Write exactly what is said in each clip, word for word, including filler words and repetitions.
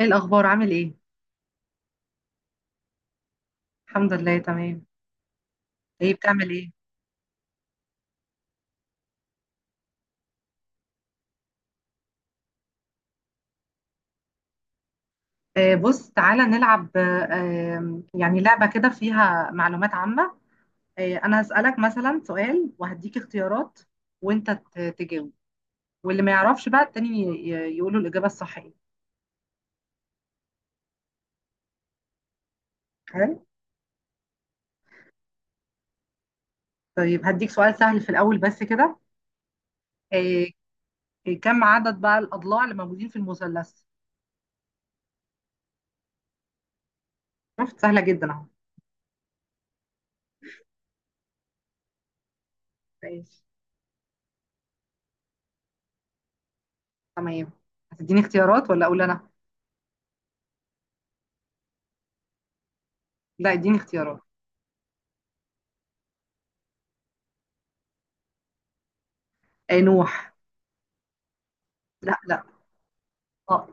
ايه الاخبار؟ عامل ايه؟ الحمد لله، تمام. ايه بتعمل؟ ايه آه بص، تعالى نلعب. آه آم، يعني لعبة كده فيها معلومات عامة. آه انا هسألك مثلا سؤال وهديك اختيارات، وانت ت- تجاوب، واللي ما يعرفش بقى التاني ي- ي- يقوله الإجابة الصحيحة. حلو. طيب هديك سؤال سهل في الاول بس كده. آه كم عدد بقى الاضلاع اللي موجودين في المثلث؟ شفت؟ سهلة جدا اهو. ماشي. تمام. هتديني اختيارات ولا اقول انا؟ لا، اديني اختيارات. آه نوح. لا لا. اه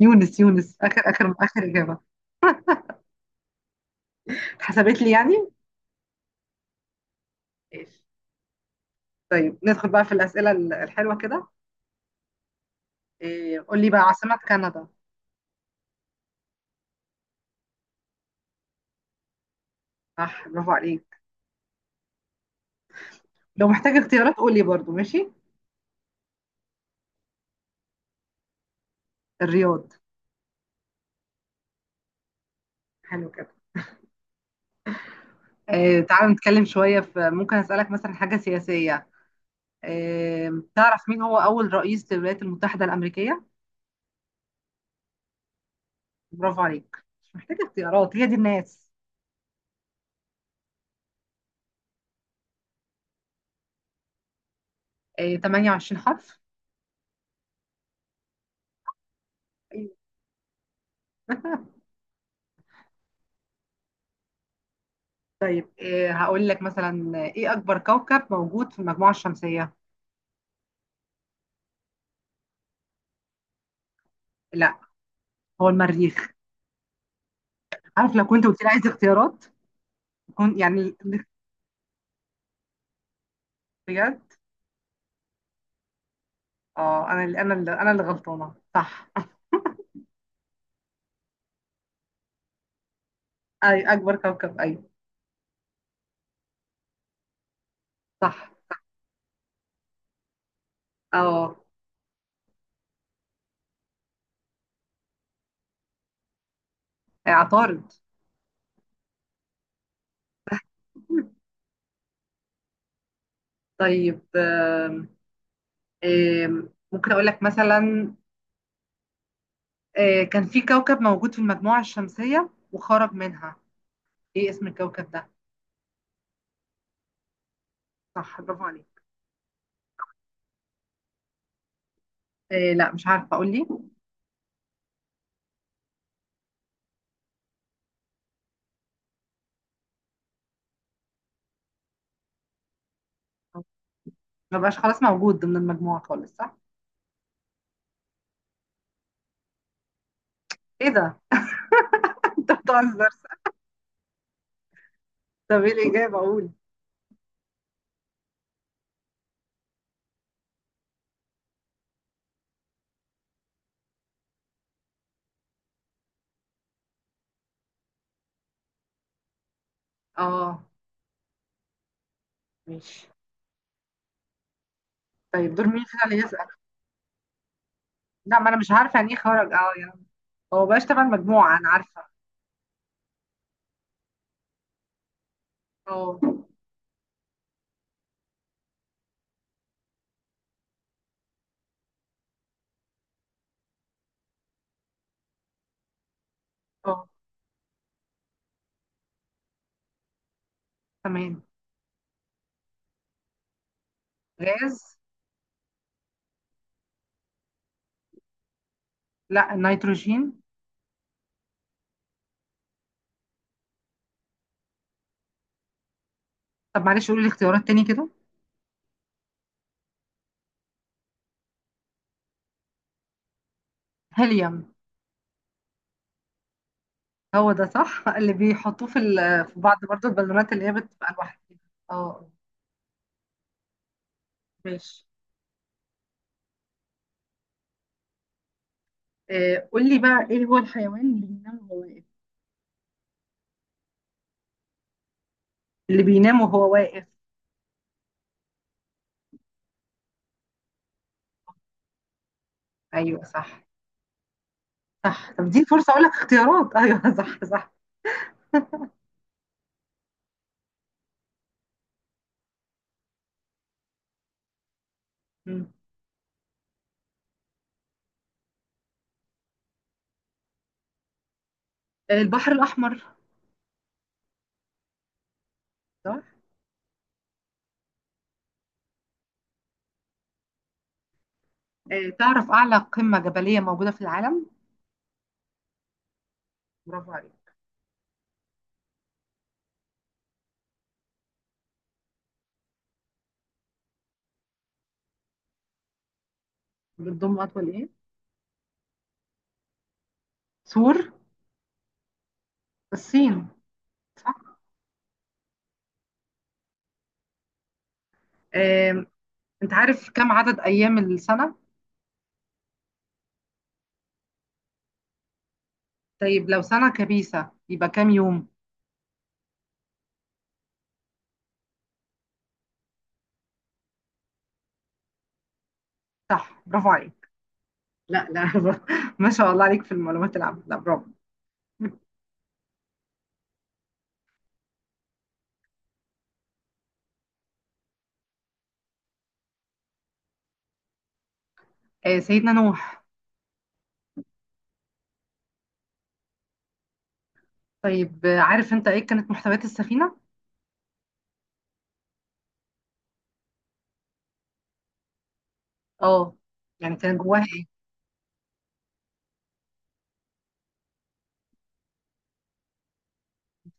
يونس، يونس اخر اخر اخر اجابه. اتحسبت لي يعني. ماشي. طيب ندخل بقى في الاسئله ال- الحلوه كده. إيه، قول لي بقى عاصمه كندا. صح، برافو عليك. لو محتاج اختيارات قول لي برضو. ماشي. الرياض. حلو كده. إيه، تعال نتكلم شويه في، ممكن اسالك مثلا حاجه سياسيه. إيه، تعرف مين هو اول رئيس للولايات المتحده الامريكيه؟ برافو عليك، مش محتاج اختيارات. هي دي الناس. إيه، ثمانية وعشرين حرف. أيوة. طيب إيه، هقول لك مثلا ايه اكبر كوكب موجود في المجموعه الشمسيه؟ لا، هو المريخ. عارف لو كنت قلت لي عايز اختيارات كنت يعني. بجد اه انا اللي انا اللي انا اللي غلطانه، صح. اي اكبر كوكب، ايوه صح. اه عطارد. طيب آم، آم، ممكن اقول لك مثلا آه، كان في كوكب موجود في المجموعه الشمسيه وخرج منها. ايه اسم الكوكب ده؟ صح برافو عليك. آه، لا مش عارفه، اقول لي. ما بقاش خلاص موجود ضمن المجموعه خالص، صح. ايه ده؟ انت بتهزر. طب ايه الاجابه؟ اقول اه. ماشي. طيب دور مين فينا اللي يسأل؟ لا ما انا مش عارفة يعني ايه خرج، اه يعني هو بقاش تبع المجموعة انا عارفة. اه اه. تمام. غاز؟ لا النيتروجين. طب معلش قولي لي اختيارات تاني كده. هيليوم. هو ده صح، اللي بيحطوه في ال- في بعض برضو البالونات اللي هي بتبقى لوحدها. اه. ماشي. آه، قول لي بقى ايه هو الحيوان اللي بينام وهو واقف؟ اللي بينام وهو واقف. ايوه صح، صح. طب دي فرصة اقول لك اختيارات. ايوه صح صح. مم. آه، البحر الاحمر. صح. آه، تعرف أعلى قمة جبلية موجودة في العالم؟ برافو عليك. بتضم أطول إيه؟ سور. الصين. صح؟ آم، أنت عارف كم عدد أيام السنة؟ طيب لو سنة كبيسة يبقى كام يوم؟ صح برافو عليك. لا لا، ما شاء الله عليك في المعلومات العامة، لا برافو. آه، سيدنا نوح. طيب آه، عارف أنت إيه كانت محتويات السفينة؟ أه، يعني كان جواها إيه؟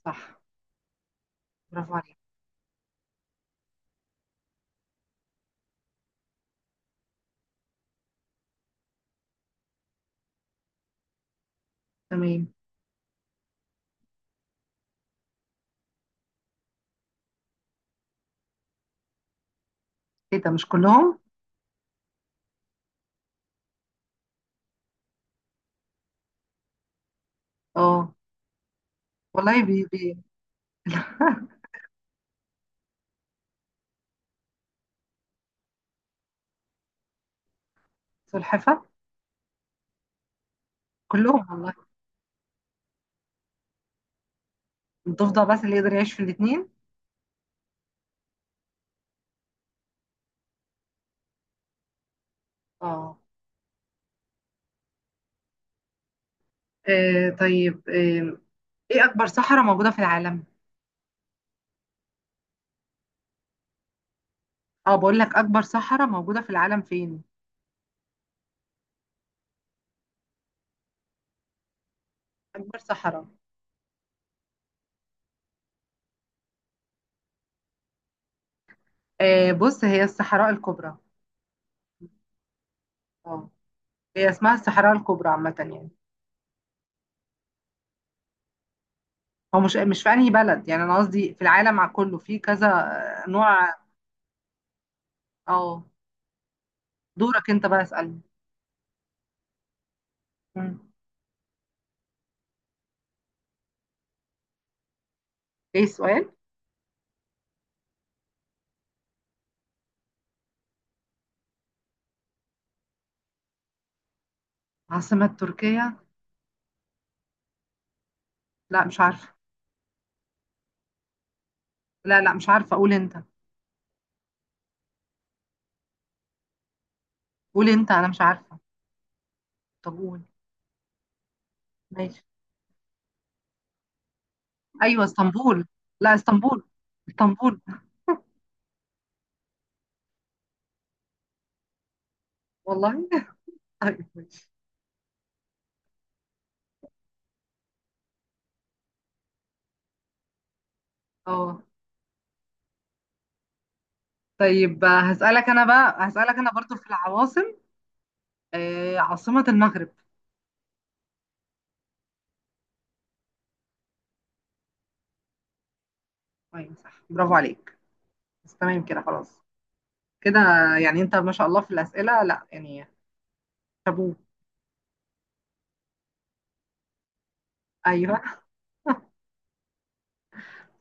صح برافو عليك. تمام. إيه ده، مش كلهم؟ أه. والله بي بي. سلحفة. كلهم والله. ضفدة بس اللي يقدر يعيش في الاثنين. ااا طيب آه، ايه أكبر سحرة موجودة في العالم؟ اقول لك أكبر سحرة موجودة في العالم فيين؟ أكبر سحرة؟ اه بس هي الصحراء الكبرى. اه، هي اسمها الصحراء الكبرى عامة يعني. هو مش مش فعليه بلد، يعني ناس دي في العالم مع كله في كذا. آه، نوع. أو، دورك أنت بسألك. ايه سؤال؟ عاصمة تركيا؟ لا مش عارف. لا لا مش عارفة. قول أنت. قول أنت، أنا مش عارفة. طب قول. ماي. ايوه اسطنبول. لا اسطنبول. اسطنبول. والله طيب ماشي. اه. طيب آه، هسألك انا بقى، هسألك انا برضو في العواصم. آه عاصمة المغرب. ايوه صح برافو عليك. بس تمام كده خلاص كده. يعني انت ما شاء الله في الأسئلة، لا يعني، شابوه. ايوه.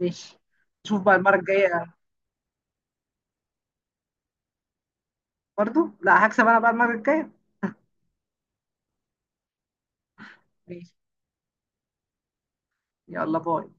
ماشي. نشوف بقى المرة الجاية. برضو لا، هكسب انا بقى المرة الجاية. ماشي. يلا باي.